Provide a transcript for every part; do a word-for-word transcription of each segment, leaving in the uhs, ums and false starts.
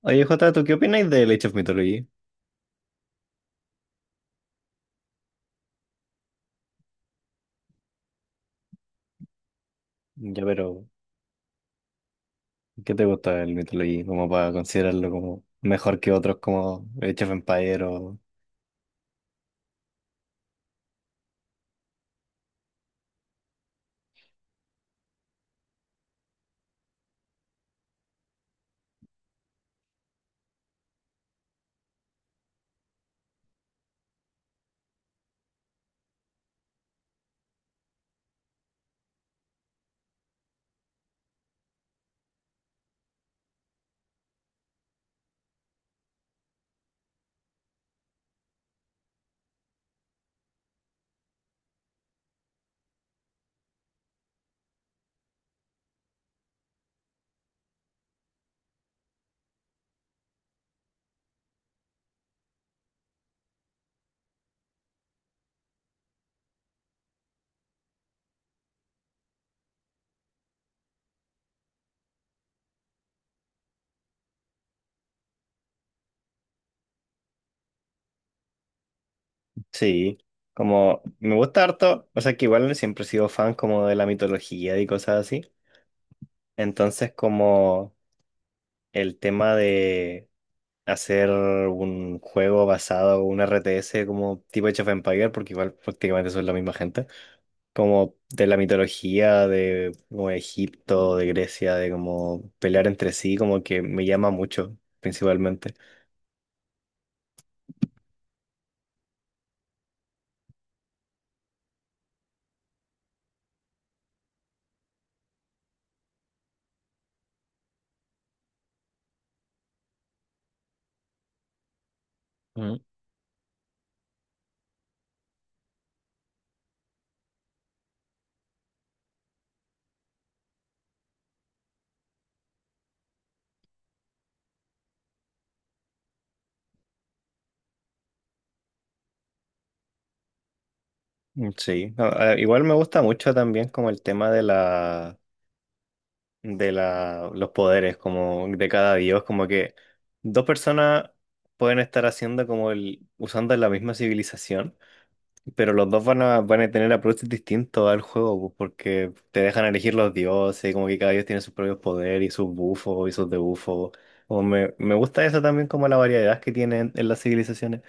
Oye, Jota, ¿tú qué opináis del Age of Mythology? Ya, pero, ¿qué te gusta el Mythology? Como para considerarlo como mejor que otros como Age of Empire o... Sí, como me gusta harto, o sea que igual siempre he sido fan como de la mitología y cosas así. Entonces como el tema de hacer un juego basado, un R T S como tipo Age of Empire, porque igual prácticamente son la misma gente. Como de la mitología de como de Egipto, de Grecia, de como pelear entre sí, como que me llama mucho, principalmente. Mm. Mm, sí, A- a- igual me gusta mucho también como el tema de la de la los poderes como de cada dios, como que dos personas pueden estar haciendo como el usando la misma civilización. Pero los dos van a, van a tener approaches distintos al juego, pues, porque te dejan elegir los dioses, como que cada dios tiene sus propios poderes y sus bufos y sus debuffos. O me, me gusta eso también como la variedad que tienen en las civilizaciones.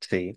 Sí.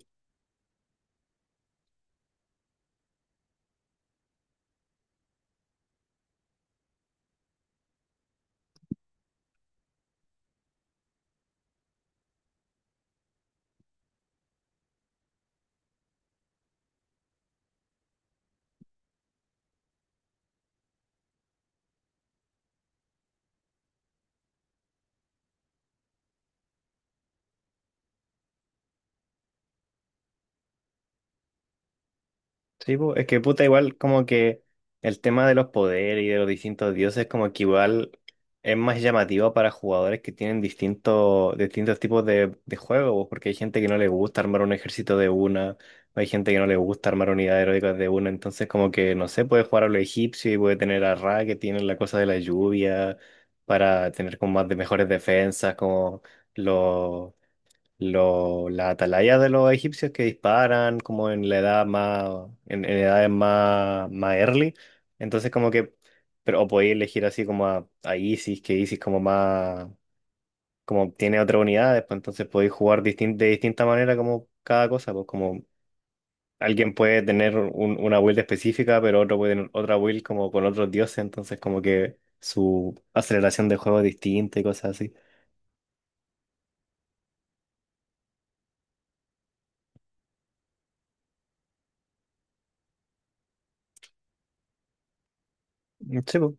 Sí, po, es que puta, igual como que el tema de los poderes y de los distintos dioses, como que igual es más llamativo para jugadores que tienen distintos, distintos tipos de, de juegos, po, porque hay gente que no le gusta armar un ejército de una, hay gente que no le gusta armar unidades heroicas de una, entonces como que, no sé, puede jugar a lo egipcio y puede tener a Ra que tiene la cosa de la lluvia, para tener como más de mejores defensas, como los lo, las atalaya de los egipcios que disparan como en la edad más, en, en edades más, más early. Entonces como que, pero o podéis elegir así como a, a Isis, que Isis como más, como tiene otra unidad, después entonces podéis jugar distin- de distinta manera como cada cosa, pues como alguien puede tener un- una build específica, pero otro puede tener otra build como con otros dioses, entonces como que su aceleración de juego es distinta y cosas así. Sí, pues.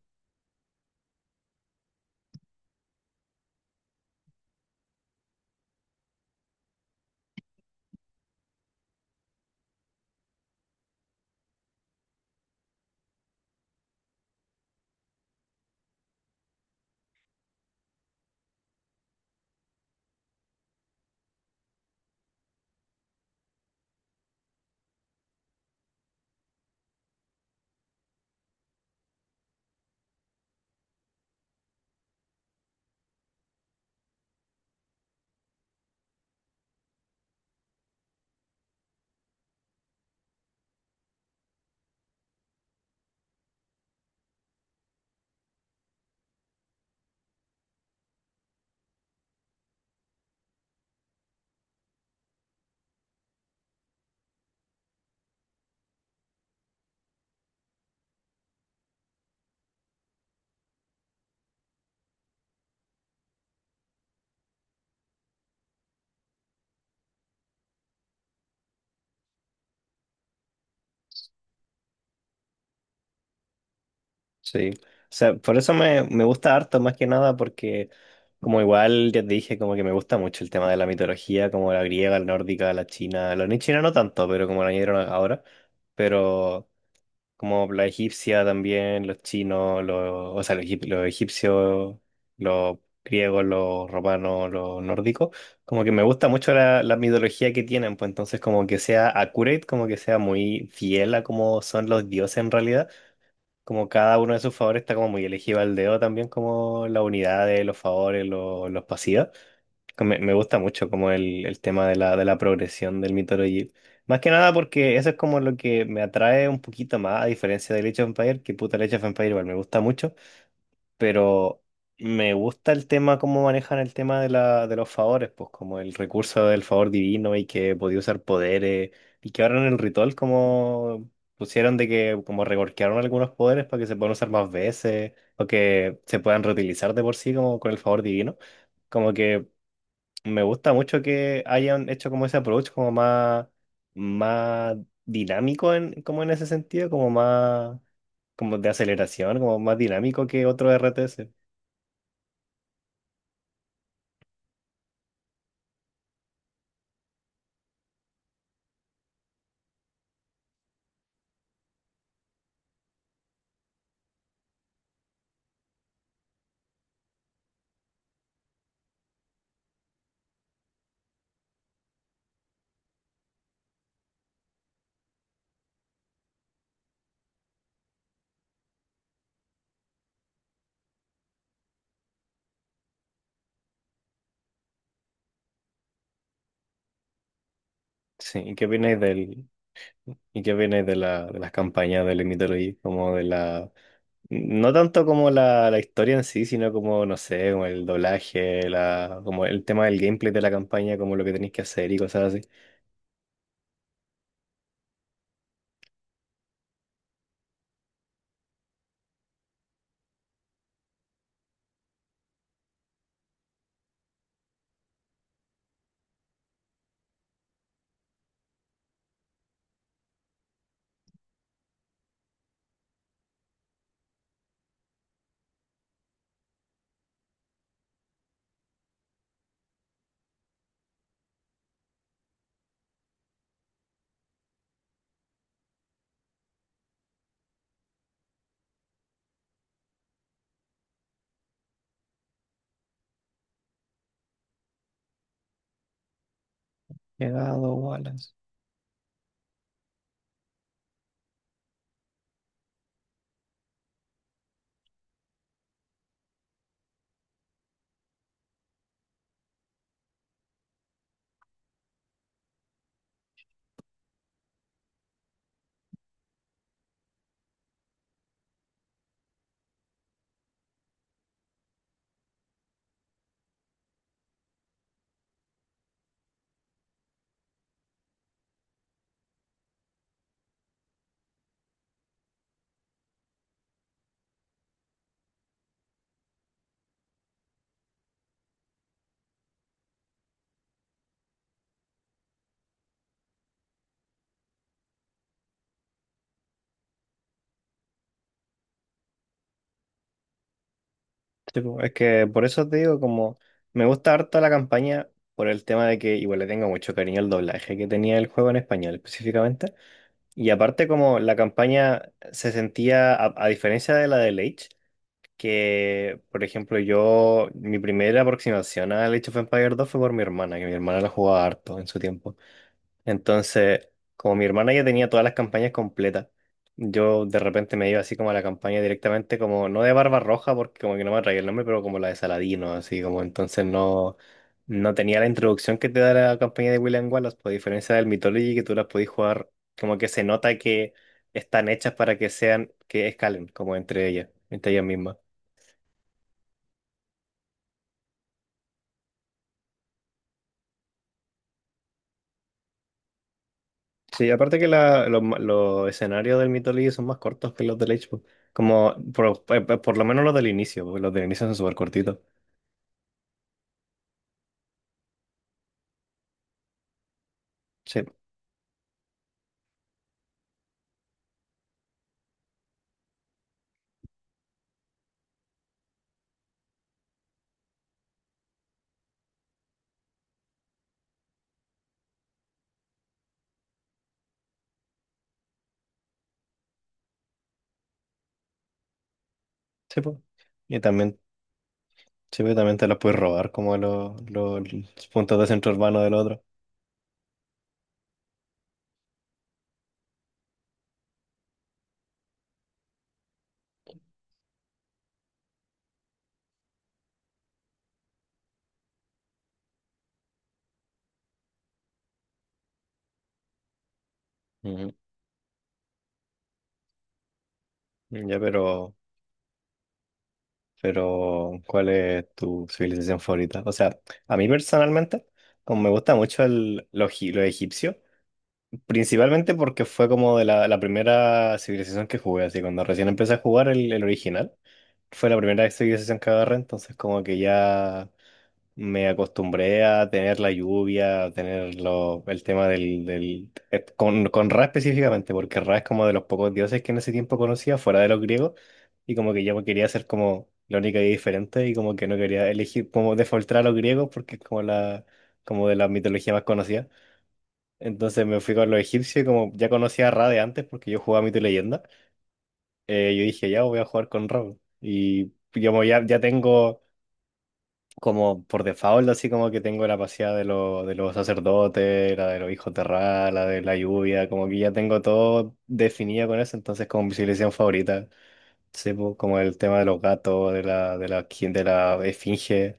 Sí, o sea, por eso me, me gusta harto, más que nada, porque como igual ya te dije, como que me gusta mucho el tema de la mitología, como la griega, la nórdica, la china, la ni china no tanto, pero como la añadieron ahora, pero como la egipcia también, los chinos, los, o sea, los, egip- los egipcios, los griegos, los romanos, los nórdicos, como que me gusta mucho la, la mitología que tienen, pues entonces como que sea accurate, como que sea muy fiel a cómo son los dioses en realidad. Como cada uno de sus favores está como muy elegido al dedo también, como la unidad de los favores, lo- los pasivos. Que Me, me gusta mucho como el, el tema de la, de la progresión del Mythology. Más que nada porque eso es como lo que me atrae un poquito más, a diferencia de Age of Empires, que puta el Age of Empires igual me gusta mucho, pero me gusta el tema, cómo manejan el tema de la, de los favores, pues como el recurso del favor divino y que podía usar poderes y que ahora en el ritual como pusieron de que como reworkearon algunos poderes para que se puedan usar más veces o que se puedan reutilizar de por sí como con el favor divino. Como que me gusta mucho que hayan hecho como ese approach como más, más dinámico en, como en ese sentido, como más como de aceleración, como más dinámico que otro R T R T S. Sí, ¿y qué opináis del, y qué opináis de la, de las campañas del Mythology? Como de la, no tanto como la, la historia en sí, sino como, no sé, como el doblaje, la, como el tema del gameplay de la campaña, como lo que tenéis que hacer y cosas así. Llegado, Wallace. Sí, po, es que por eso te digo, como, me gusta harto la campaña por el tema de que igual le tengo mucho cariño al doblaje que tenía el juego en español específicamente. Y aparte como la campaña se sentía, a, a diferencia de la de Age, que, por ejemplo, yo, mi primera aproximación al Age of Empires dos fue por mi hermana, que mi hermana la jugaba harto en su tiempo. Entonces, como mi hermana ya tenía todas las campañas completas, yo de repente me iba así como a la campaña directamente, como no de Barba Roja, porque como que no me atraía el nombre, pero como la de Saladino, así como entonces no, no tenía la introducción que te da la campaña de William Wallace, por diferencia del Mythology, que tú las podías jugar, como que se nota que están hechas para que sean, que escalen, como entre ellas, entre ellas mismas. Sí, aparte que la- los, ma- los escenarios del Myth League son más cortos que los del Age, po. Como por, eh, eh, por lo menos los del inicio, porque los del inicio son súper cortitos. Sí, sí, pues. Y también, sí, pues también te los puedes robar como los, los, puntos de centro urbano del otro. Ujú. Ya, pero, pero, ¿cuál es tu civilización favorita? O sea, a mí personalmente, como me gusta mucho el, lo egipcio. Principalmente porque fue como de la, la primera civilización que jugué, así cuando recién empecé a jugar el, el original, fue la primera civilización que agarré, entonces como que ya me acostumbré a tener la lluvia, a tener lo- el tema del, del eh, con, con Ra específicamente, porque Ra es como de los pocos dioses que en ese tiempo conocía, fuera de los griegos, y como que yo quería ser como la única y diferente, y como que no quería elegir, como defaultar a los griegos, porque es como la, como de la mitología más conocida. Entonces me fui con los egipcios y como ya conocía a Ra de antes porque yo jugaba Mito y Leyenda, eh, yo dije, ya voy a jugar con Ra. Y como ya, ya tengo como por default, así como que tengo la paseada de, los de los sacerdotes, la de los hijos de Ra, la de la lluvia, como que ya tengo todo definido con eso, entonces como mi civilización favorita, sí, pues, como el tema de los gatos, de la, de la, de la esfinge.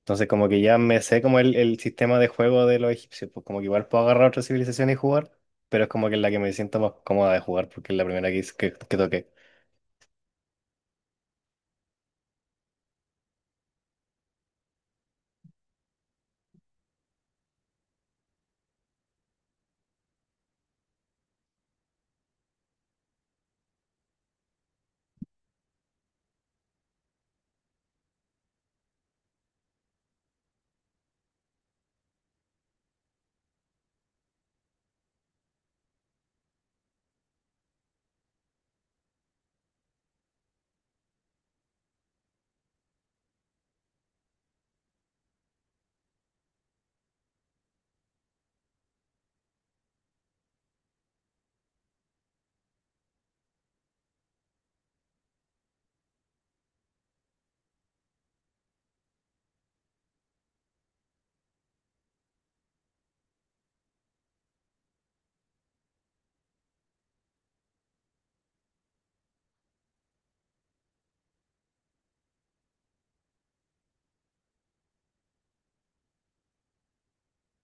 Entonces como que ya me sé como el, el sistema de juego de los egipcios, pues como que igual puedo agarrar otra civilización y jugar, pero es como que es la que me siento más cómoda de jugar porque es la primera que, hice- que, que toqué.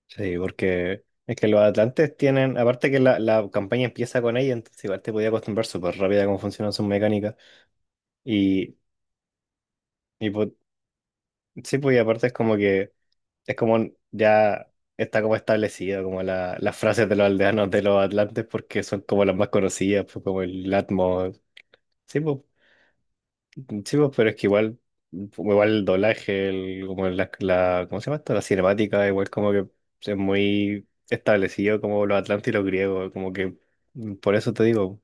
Sí, porque es que los atlantes tienen, aparte que la, la campaña empieza con ella, entonces igual te podía acostumbrar súper rápido a cómo funcionan sus mecánicas. Y, y pues, sí, pues y aparte es como que es como ya está como establecido como la, las frases de los aldeanos de los atlantes porque son como las más conocidas, pues como el Atmos. Sí, pues, sí, pues, pero es que igual, igual el doblaje, el, como la, la, ¿cómo se llama esto? La cinemática, igual como que es muy establecido como los atlantes y los griegos, como que mm, por eso te digo,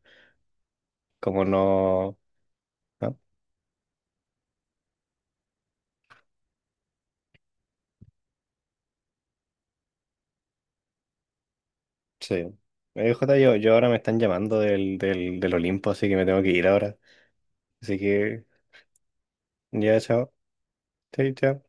como no, ¿no? Sí. Eh, Jota, yo, yo ahora me están llamando del, del, del Olimpo, así que me tengo que ir ahora. Así que ya, chao. Sí, chao.